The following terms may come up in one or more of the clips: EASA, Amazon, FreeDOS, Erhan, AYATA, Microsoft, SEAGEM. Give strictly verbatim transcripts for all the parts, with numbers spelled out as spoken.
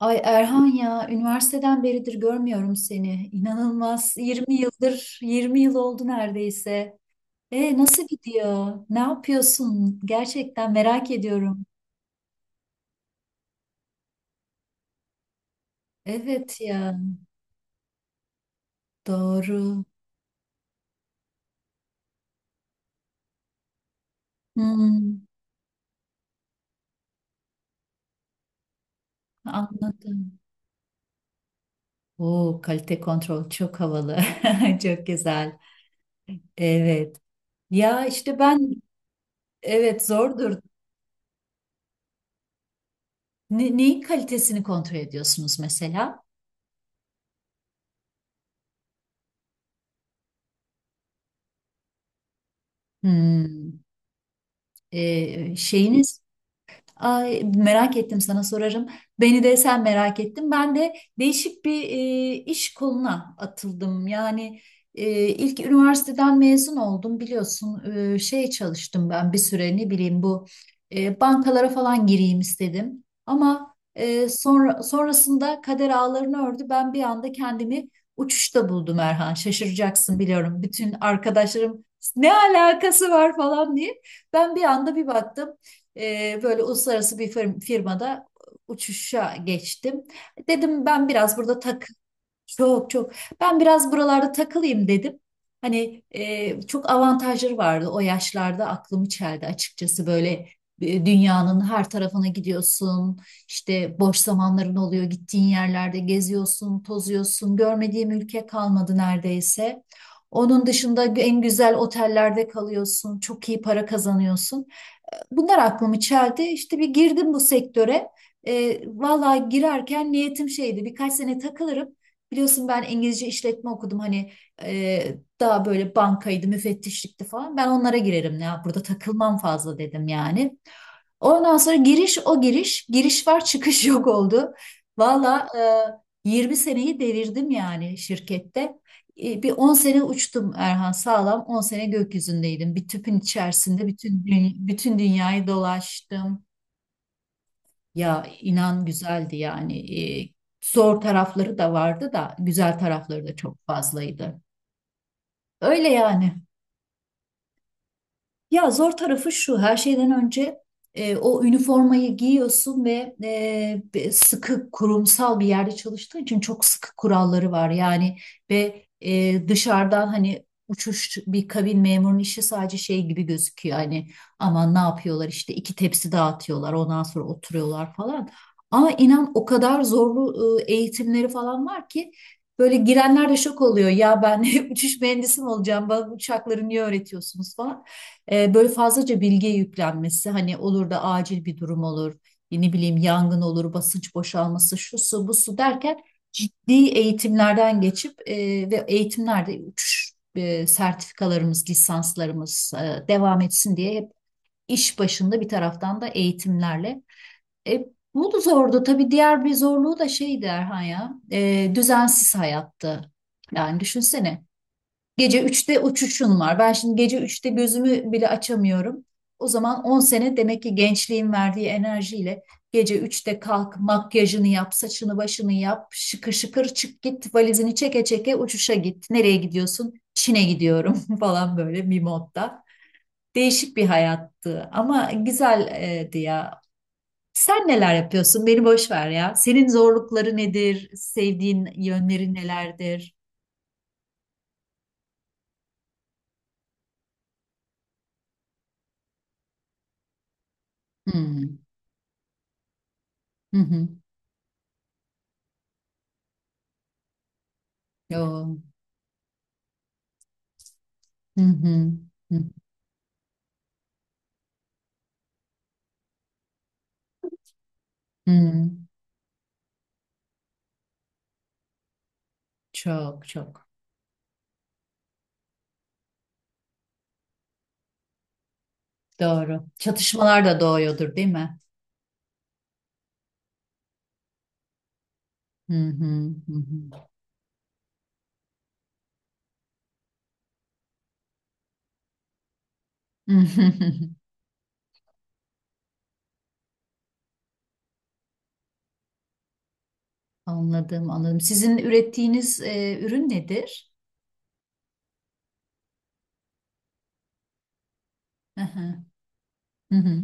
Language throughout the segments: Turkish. Ay Erhan ya üniversiteden beridir görmüyorum seni. İnanılmaz. yirmi yıldır yirmi yıl oldu neredeyse. E, nasıl gidiyor? Ne yapıyorsun? Gerçekten merak ediyorum. Evet ya, doğru. Hmm, anladım. Oo, kalite kontrol çok havalı. Çok güzel. Evet. Ya işte ben, evet, zordur. Ne, neyin kalitesini kontrol ediyorsunuz mesela? Hmm. e, şeyiniz Ay, merak ettim, sana sorarım. Beni de sen merak ettin. Ben de değişik bir e, iş koluna atıldım. Yani e, ilk üniversiteden mezun oldum, biliyorsun. E, şey çalıştım ben bir süre, ne bileyim, bu e, bankalara falan gireyim istedim. Ama e, sonra sonrasında kader ağlarını ördü. Ben bir anda kendimi uçuşta buldum Erhan. Şaşıracaksın biliyorum. Bütün arkadaşlarım ne alakası var falan diye. Ben bir anda bir baktım. Ee, böyle uluslararası bir fir- firmada uçuşa geçtim. Dedim ben biraz burada tak Çok çok, ben biraz buralarda takılayım dedim. Hani e, çok avantajları vardı, o yaşlarda aklımı çeldi açıkçası. Böyle e, dünyanın her tarafına gidiyorsun. İşte boş zamanların oluyor, gittiğin yerlerde geziyorsun, tozuyorsun. Görmediğim ülke kalmadı neredeyse. Onun dışında en güzel otellerde kalıyorsun, çok iyi para kazanıyorsun, bunlar aklımı çeldi. İşte bir girdim bu sektöre. E, vallahi girerken niyetim şeydi, birkaç sene takılırım. Biliyorsun ben İngilizce işletme okudum, hani e, daha böyle bankaydı, müfettişlikti falan. Ben onlara girerim ya, burada takılmam fazla dedim yani. Ondan sonra giriş o giriş, giriş var çıkış yok oldu. Valla e, yirmi seneyi devirdim yani şirkette. E, bir on sene uçtum Erhan, sağlam on sene gökyüzündeydim. Bir tüpün içerisinde bütün dü- bütün dünyayı dolaştım. Ya inan güzeldi yani. E, Zor tarafları da vardı da güzel tarafları da çok fazlaydı. Öyle yani. Ya zor tarafı şu, her şeyden önce e, o üniformayı giyiyorsun ve e, be- sıkı kurumsal bir yerde çalıştığın için çok sıkı kuralları var. Yani ve e, dışarıdan hani uçuş, bir kabin memurunun işi sadece şey gibi gözüküyor. Hani aman ne yapıyorlar, işte iki tepsi dağıtıyorlar, ondan sonra oturuyorlar falan. Ama inan o kadar zorlu e, eğitimleri falan var ki, böyle girenler de şok oluyor. Ya ben uçuş mühendisi mi olacağım? Bana bu uçakları niye öğretiyorsunuz falan. E, böyle fazlaca bilgiye yüklenmesi, hani olur da acil bir durum olur, e, ne bileyim yangın olur, basınç boşalması, şu su bu su derken ciddi eğitimlerden geçip e, ve eğitimlerde uçuş e, sertifikalarımız, lisanslarımız e, devam etsin diye hep iş başında, bir taraftan da eğitimlerle. E, Bu da zordu tabii. Diğer bir zorluğu da şeydi Erhan ya, e, düzensiz hayattı. Yani düşünsene. Gece üçte uçuşun var. Ben şimdi gece üçte gözümü bile açamıyorum. O zaman on sene demek ki gençliğin verdiği enerjiyle gece üçte kalk, makyajını yap, saçını başını yap, şıkır şıkır çık git, valizini çeke çeke uçuşa git. Nereye gidiyorsun? Çin'e gidiyorum falan, böyle bir modda. Değişik bir hayattı ama güzeldi ya. Sen neler yapıyorsun? Beni boş ver ya. Senin zorlukları nedir? Sevdiğin yönleri nelerdir? Hmm. Hı hı. Yo. Hı hı. Hı hı. Çok çok doğru. Çatışmalar da doğuyordur değil mi? Hı hı. Hı hı. Anladım, anladım. Sizin ürettiğiniz e, ürün nedir? Hı hı. Hı hı.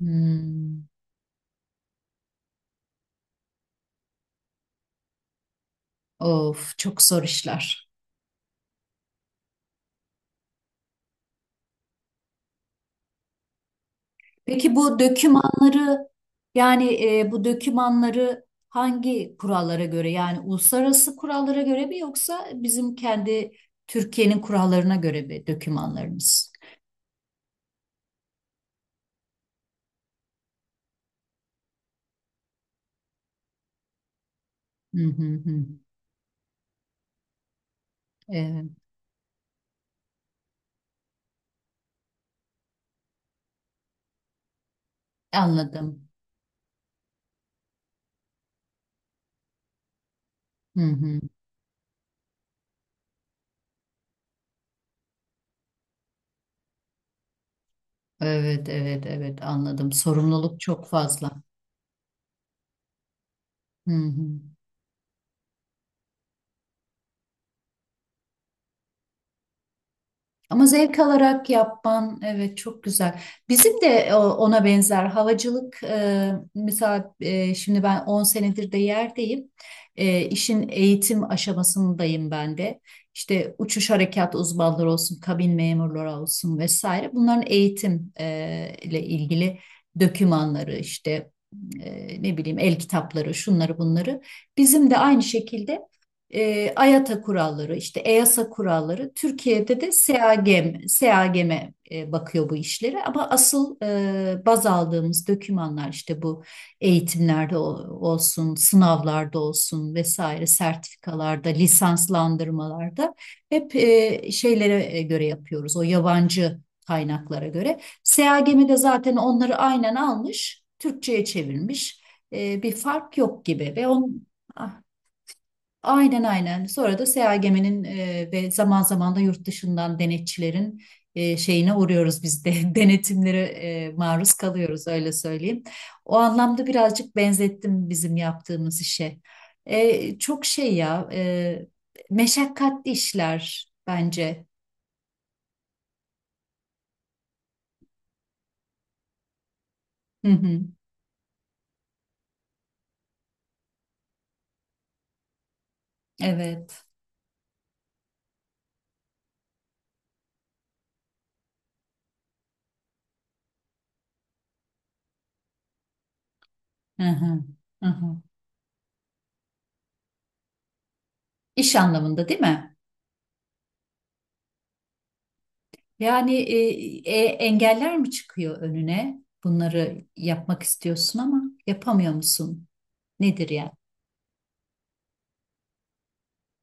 Hmm. Of, çok zor işler. Peki bu dökümanları yani e, bu dökümanları hangi kurallara göre, yani uluslararası kurallara göre mi, yoksa bizim kendi Türkiye'nin kurallarına göre mi dökümanlarınız? Hı hı hı. Evet, anladım. Hı hı. Evet, evet, evet, anladım. Sorumluluk çok fazla. Hı hı. Ama zevk alarak yapman, evet, çok güzel. Bizim de o- ona benzer havacılık, e, mesela e, şimdi ben on senedir de yerdeyim. E, işin eğitim aşamasındayım ben de. İşte uçuş harekat uzmanları olsun, kabin memurları olsun, vesaire. Bunların eğitim e, ile ilgili dokümanları, işte e, ne bileyim el kitapları, şunları bunları. Bizim de aynı şekilde e, AYATA kuralları, işte EASA kuralları, Türkiye'de de SEAGEM, SEAGEM'e e, bakıyor bu işlere. Ama asıl e, baz aldığımız dokümanlar işte bu eğitimlerde o- olsun, sınavlarda olsun, vesaire, sertifikalarda, lisanslandırmalarda hep e, şeylere e, göre yapıyoruz. O yabancı kaynaklara göre. SEAGEM'i de zaten onları aynen almış, Türkçe'ye çevirmiş. E, bir fark yok gibi ve onun, aynen aynen. Sonra da SEAGEM'in e, ve zaman zaman da yurt dışından denetçilerin e, şeyine uğruyoruz biz de. Denetimlere e, maruz kalıyoruz öyle söyleyeyim. O anlamda birazcık benzettim bizim yaptığımız işe. E, çok şey ya, e, meşakkatli işler bence. Hı hı. Evet. Hı hı. Hı hı. İş anlamında değil mi? Yani e, e, engeller mi çıkıyor önüne? Bunları yapmak istiyorsun ama yapamıyor musun? Nedir yani?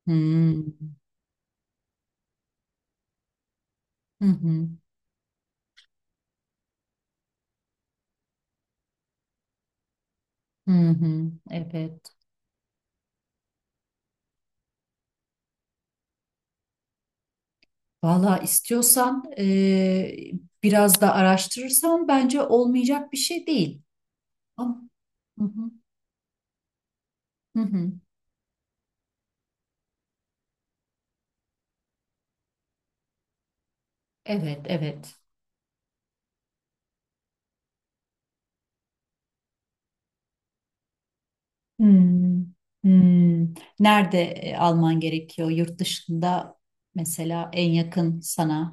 Hmm. Hı hı. Hı hı. Evet. Valla istiyorsan e, biraz da araştırırsan bence olmayacak bir şey değil. Ama. Hı hı. Hı hı. Evet, evet. Hmm. Hmm. Nerede e, alman gerekiyor? Yurt dışında mesela, en yakın sana.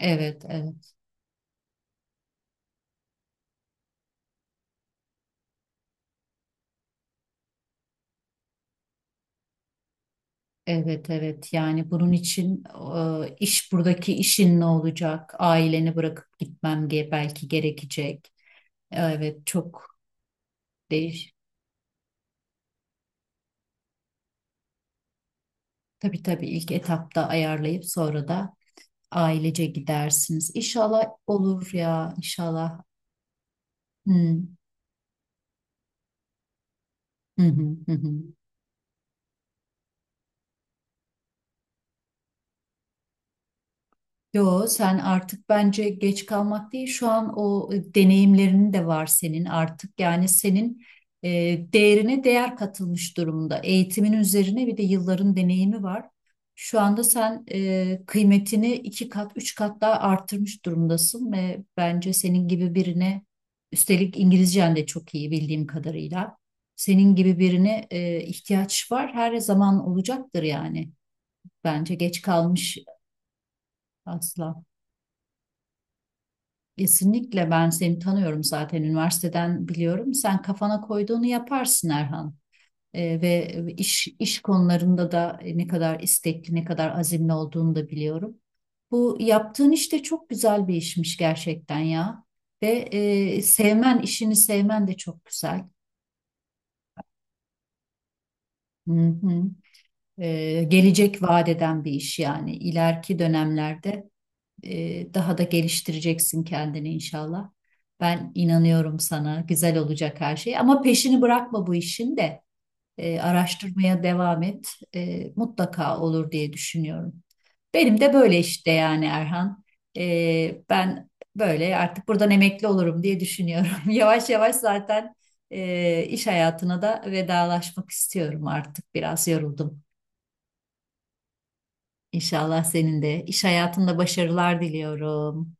Evet, evet. Evet, evet. Yani bunun için e, iş buradaki işin ne olacak? Aileni bırakıp gitmem ge belki gerekecek. E, Evet, çok değiş. Tabii tabii, ilk etapta ayarlayıp sonra da ailece gidersiniz. İnşallah olur ya, inşallah. Hı, hı, hı, hı. Yo, sen artık, bence, geç kalmak değil. Şu an o e, deneyimlerin de var senin artık. Yani senin e, değerine değer katılmış durumda. Eğitimin üzerine bir de yılların deneyimi var. Şu anda sen e, kıymetini iki kat, üç kat daha arttırmış durumdasın ve bence senin gibi birine, üstelik İngilizcen de çok iyi bildiğim kadarıyla. Senin gibi birine e, ihtiyaç var. Her zaman olacaktır yani. Bence geç kalmış asla. Kesinlikle ben seni tanıyorum, zaten üniversiteden biliyorum. Sen kafana koyduğunu yaparsın Erhan. Ee, ve iş iş konularında da ne kadar istekli, ne kadar azimli olduğunu da biliyorum. Bu yaptığın iş de çok güzel bir işmiş gerçekten ya. Ve e, sevmen, işini sevmen de çok güzel. Hı hı. Ee, gelecek vaat eden bir iş yani. İleriki dönemlerde e, daha da geliştireceksin kendini inşallah. Ben inanıyorum sana. Güzel olacak her şey. Ama peşini bırakma bu işin de. E, araştırmaya devam et. E, mutlaka olur diye düşünüyorum. Benim de böyle işte, yani Erhan. E, ben böyle artık buradan emekli olurum diye düşünüyorum. Yavaş yavaş zaten e, iş hayatına da vedalaşmak istiyorum artık. Biraz yoruldum. İnşallah senin de iş hayatında başarılar diliyorum.